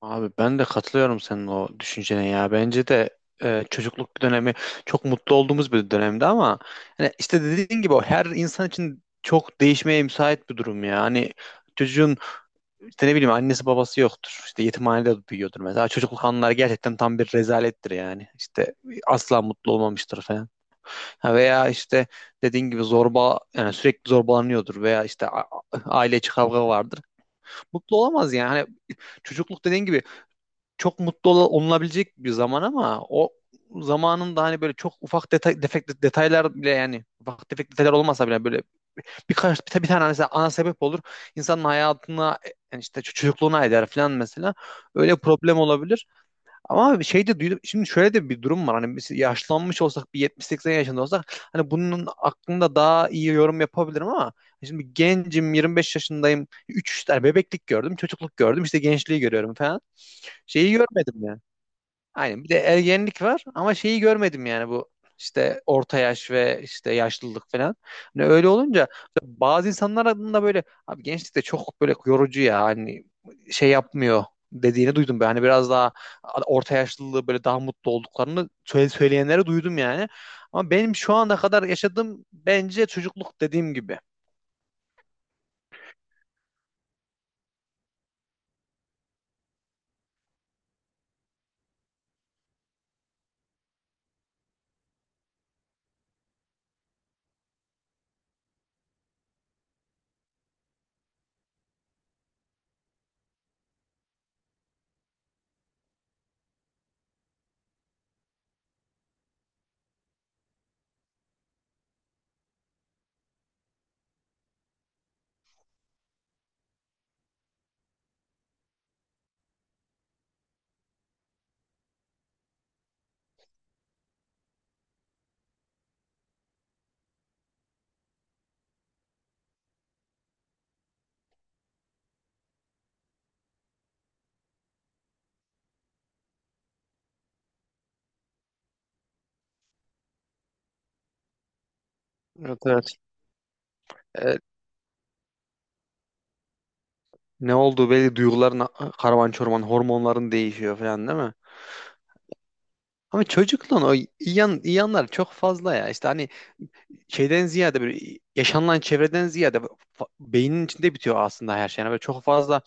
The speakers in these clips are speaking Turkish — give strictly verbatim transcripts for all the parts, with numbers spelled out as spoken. Abi ben de katılıyorum senin o düşüncene ya. Bence de e, çocukluk dönemi çok mutlu olduğumuz bir dönemdi ama hani işte dediğin gibi o her insan için çok değişmeye müsait bir durum ya. Hani çocuğun işte ne bileyim annesi babası yoktur. İşte yetimhanede büyüyordur mesela. Çocukluk anıları gerçekten tam bir rezalettir yani. İşte asla mutlu olmamıştır falan. Ha veya işte dediğin gibi zorba yani sürekli zorbalanıyordur veya işte a- a- aile içi kavga vardır. Mutlu olamaz yani. Hani çocukluk dediğin gibi çok mutlu ol- olunabilecek bir zaman ama o zamanın da hani böyle çok ufak detay, defekt, detaylar bile yani ufak tefek detaylar olmasa bile böyle birkaç bir, bir tane mesela ana sebep olur. İnsanın hayatına e, yani işte ço- çocukluğuna eder falan mesela. Öyle problem olabilir. Ama bir şey de duydum. Şimdi şöyle de bir durum var. Hani biz yaşlanmış olsak bir yetmiş seksen yaşında olsak hani bunun hakkında daha iyi yorum yapabilirim ama şimdi gencim, yirmi beş yaşındayım. Üç işte bebeklik gördüm, çocukluk gördüm, işte gençliği görüyorum falan. Şeyi görmedim. Aynen bir de ergenlik var ama şeyi görmedim yani bu işte orta yaş ve işte yaşlılık falan. Hani öyle olunca bazı insanlar adında böyle abi gençlik çok böyle yorucu ya hani şey yapmıyor dediğini duydum. Ben hani biraz daha orta yaşlılığı böyle daha mutlu olduklarını söyle- söyleyenleri duydum yani. Ama benim şu ana kadar yaşadığım bence çocukluk dediğim gibi. Evet, evet. Ee, ne olduğu belli duyguların karman çorman, hormonların değişiyor falan değil mi? Ama çocukluğun o iyi, yan, iyi yanlar çok fazla ya. İşte hani şeyden ziyade böyle yaşanılan çevreden ziyade fa- beynin içinde bitiyor aslında her şey. Yani böyle çok fazla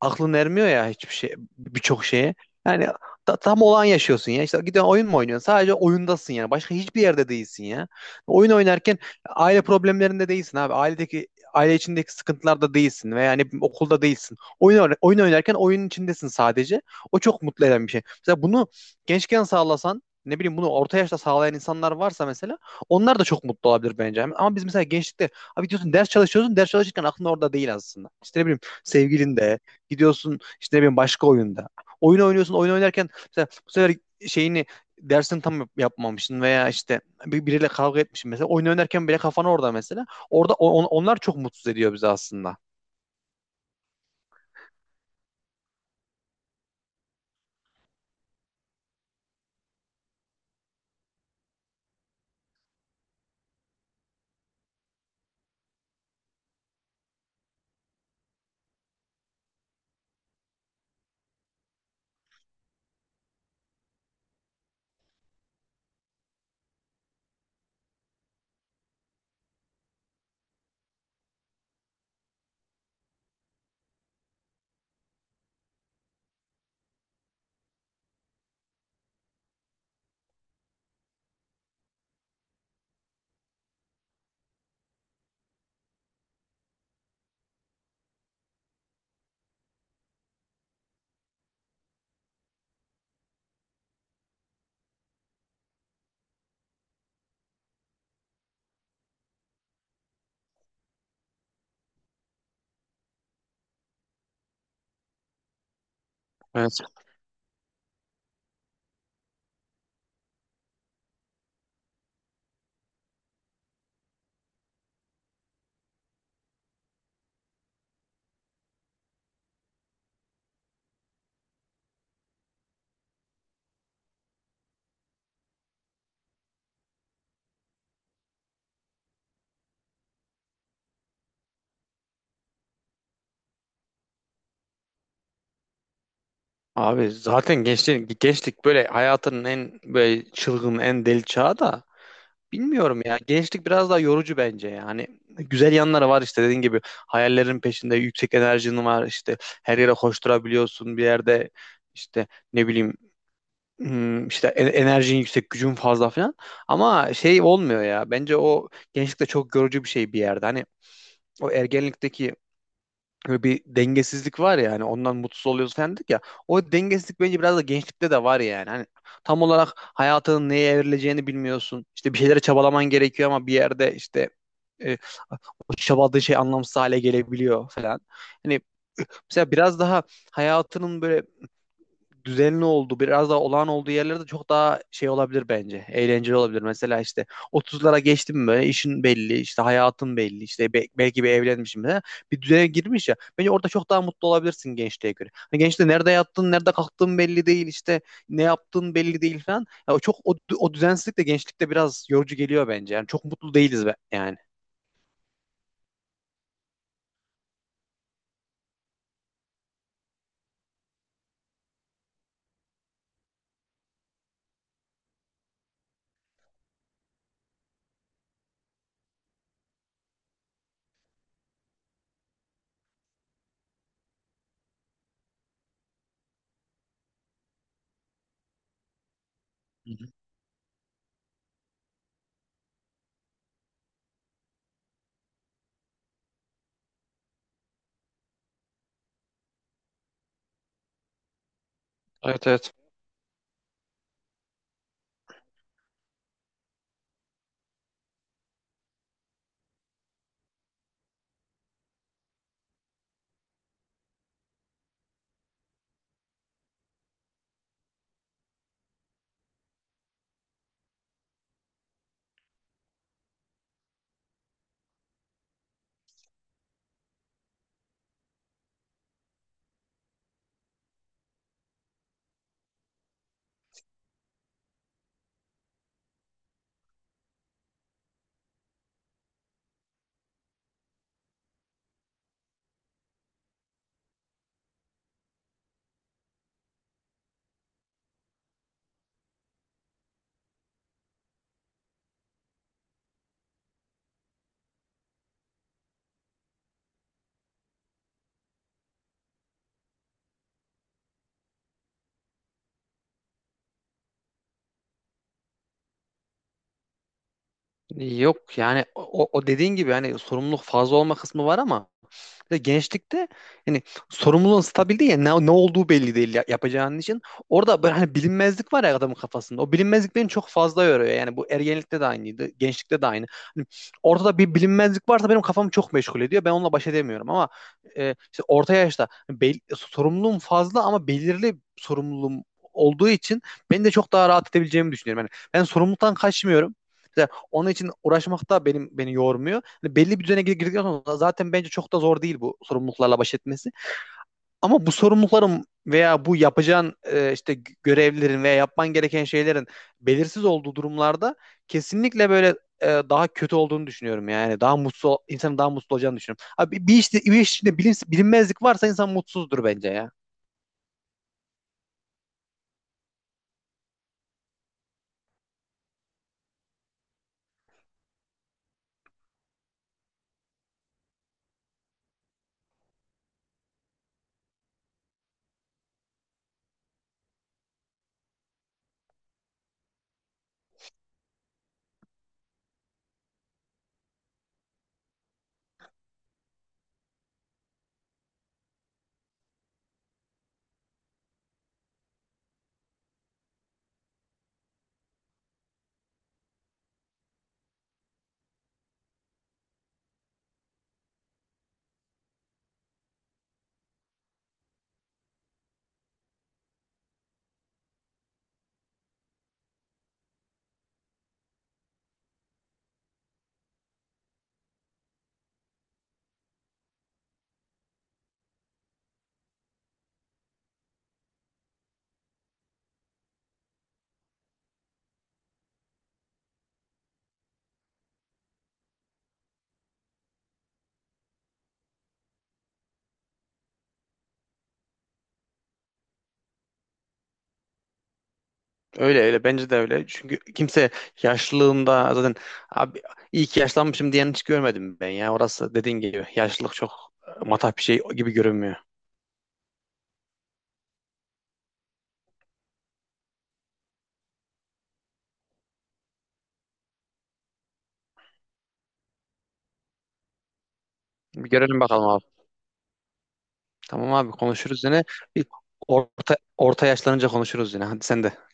aklın ermiyor ya hiçbir şey, birçok şeye. Yani ta- tam olan yaşıyorsun ya. İşte gidiyorsun, oyun mu oynuyorsun? Sadece oyundasın yani. Başka hiçbir yerde değilsin ya. Oyun oynarken aile problemlerinde değilsin abi. Ailedeki aile içindeki sıkıntılarda değilsin veya yani okulda değilsin. Oyun oyna- oyun oynarken oyunun içindesin sadece. O çok mutlu eden bir şey. Mesela bunu gençken sağlasan, ne bileyim, bunu orta yaşta sağlayan insanlar varsa mesela onlar da çok mutlu olabilir bence. Ama biz mesela gençlikte abi diyorsun ders çalışıyorsun, ders çalışırken aklın orada değil aslında. İşte ne bileyim sevgilin de. Gidiyorsun işte ne bileyim başka oyunda. Oyun oynuyorsun, oyun oynarken mesela bu sefer şeyini, dersini tam yap- yapmamışsın veya işte bir- biriyle kavga etmişsin mesela. Oyun oynarken bile kafan orada mesela. Orada on- onlar çok mutsuz ediyor bizi aslında. Evet. Abi zaten gençlik, gençlik böyle hayatının en böyle çılgın, en deli çağı da, bilmiyorum ya. Gençlik biraz daha yorucu bence yani. Güzel yanları var işte dediğin gibi, hayallerin peşinde yüksek enerjin var, işte her yere koşturabiliyorsun bir yerde, işte ne bileyim, Hmm, işte e- enerjin yüksek, gücün fazla falan. Ama şey olmuyor ya. Bence o gençlikte çok yorucu bir şey bir yerde. Hani o ergenlikteki böyle bir dengesizlik var ya, hani ondan mutsuz oluyoruz falan dedik ya. O dengesizlik bence biraz da gençlikte de var yani. Hani tam olarak hayatının neye evrileceğini bilmiyorsun. İşte bir şeylere çabalaman gerekiyor ama bir yerde işte e, o çabaladığın şey anlamsız hale gelebiliyor falan. Hani mesela biraz daha hayatının böyle düzenli olduğu, biraz daha olağan olduğu yerlerde çok daha şey olabilir bence. Eğlenceli olabilir. Mesela işte otuzlara geçtim mi böyle işin belli, işte hayatın belli, işte be- belki bir evlenmişim falan. Bir düzene girmiş ya. Bence orada çok daha mutlu olabilirsin gençliğe göre. Hani gençte nerede yattın, nerede kalktığın belli değil, işte ne yaptığın belli değil falan. Ya o çok o, o düzensizlik de gençlikte biraz yorucu geliyor bence. Yani çok mutlu değiliz be, yani. Hı hı. Evet, evet. Yok yani o, o dediğin gibi hani sorumluluk fazla olma kısmı var ama bir de gençlikte yani sorumluluğun stabil değil ya, ne, ne olduğu belli değil ya- yapacağın için. Orada böyle hani bilinmezlik var ya adamın kafasında. O bilinmezlik beni çok fazla yoruyor. Yani bu ergenlikte de aynıydı, gençlikte de aynı. Hani ortada bir bilinmezlik varsa benim kafamı çok meşgul ediyor. Ben onunla baş edemiyorum ama e, işte orta yaşta bel- sorumluluğum fazla ama belirli sorumluluğum olduğu için beni de çok daha rahat edebileceğimi düşünüyorum. Yani ben sorumluluktan kaçmıyorum. İşte onun için uğraşmak da benim, beni yormuyor. Hani belli bir düzene gir- girdikten sonra zaten bence çok da zor değil bu sorumluluklarla baş etmesi. Ama bu sorumlulukların veya bu yapacağın e, işte görevlerin veya yapman gereken şeylerin belirsiz olduğu durumlarda kesinlikle böyle e, daha kötü olduğunu düşünüyorum yani. Daha mutsuz ol- insanın daha mutsuz olacağını düşünüyorum. Abi bir işte, bir iş içinde bilin- bilinmezlik varsa insan mutsuzdur bence ya. Öyle öyle, bence de öyle. Çünkü kimse yaşlılığında zaten abi iyi ki yaşlanmışım diyen hiç görmedim ben ya. Orası dediğin gibi yaşlılık çok e, matah bir şey gibi görünmüyor. Bir görelim bakalım abi. Tamam abi, konuşuruz yine. Bir orta orta yaşlanınca konuşuruz yine. Hadi sen de.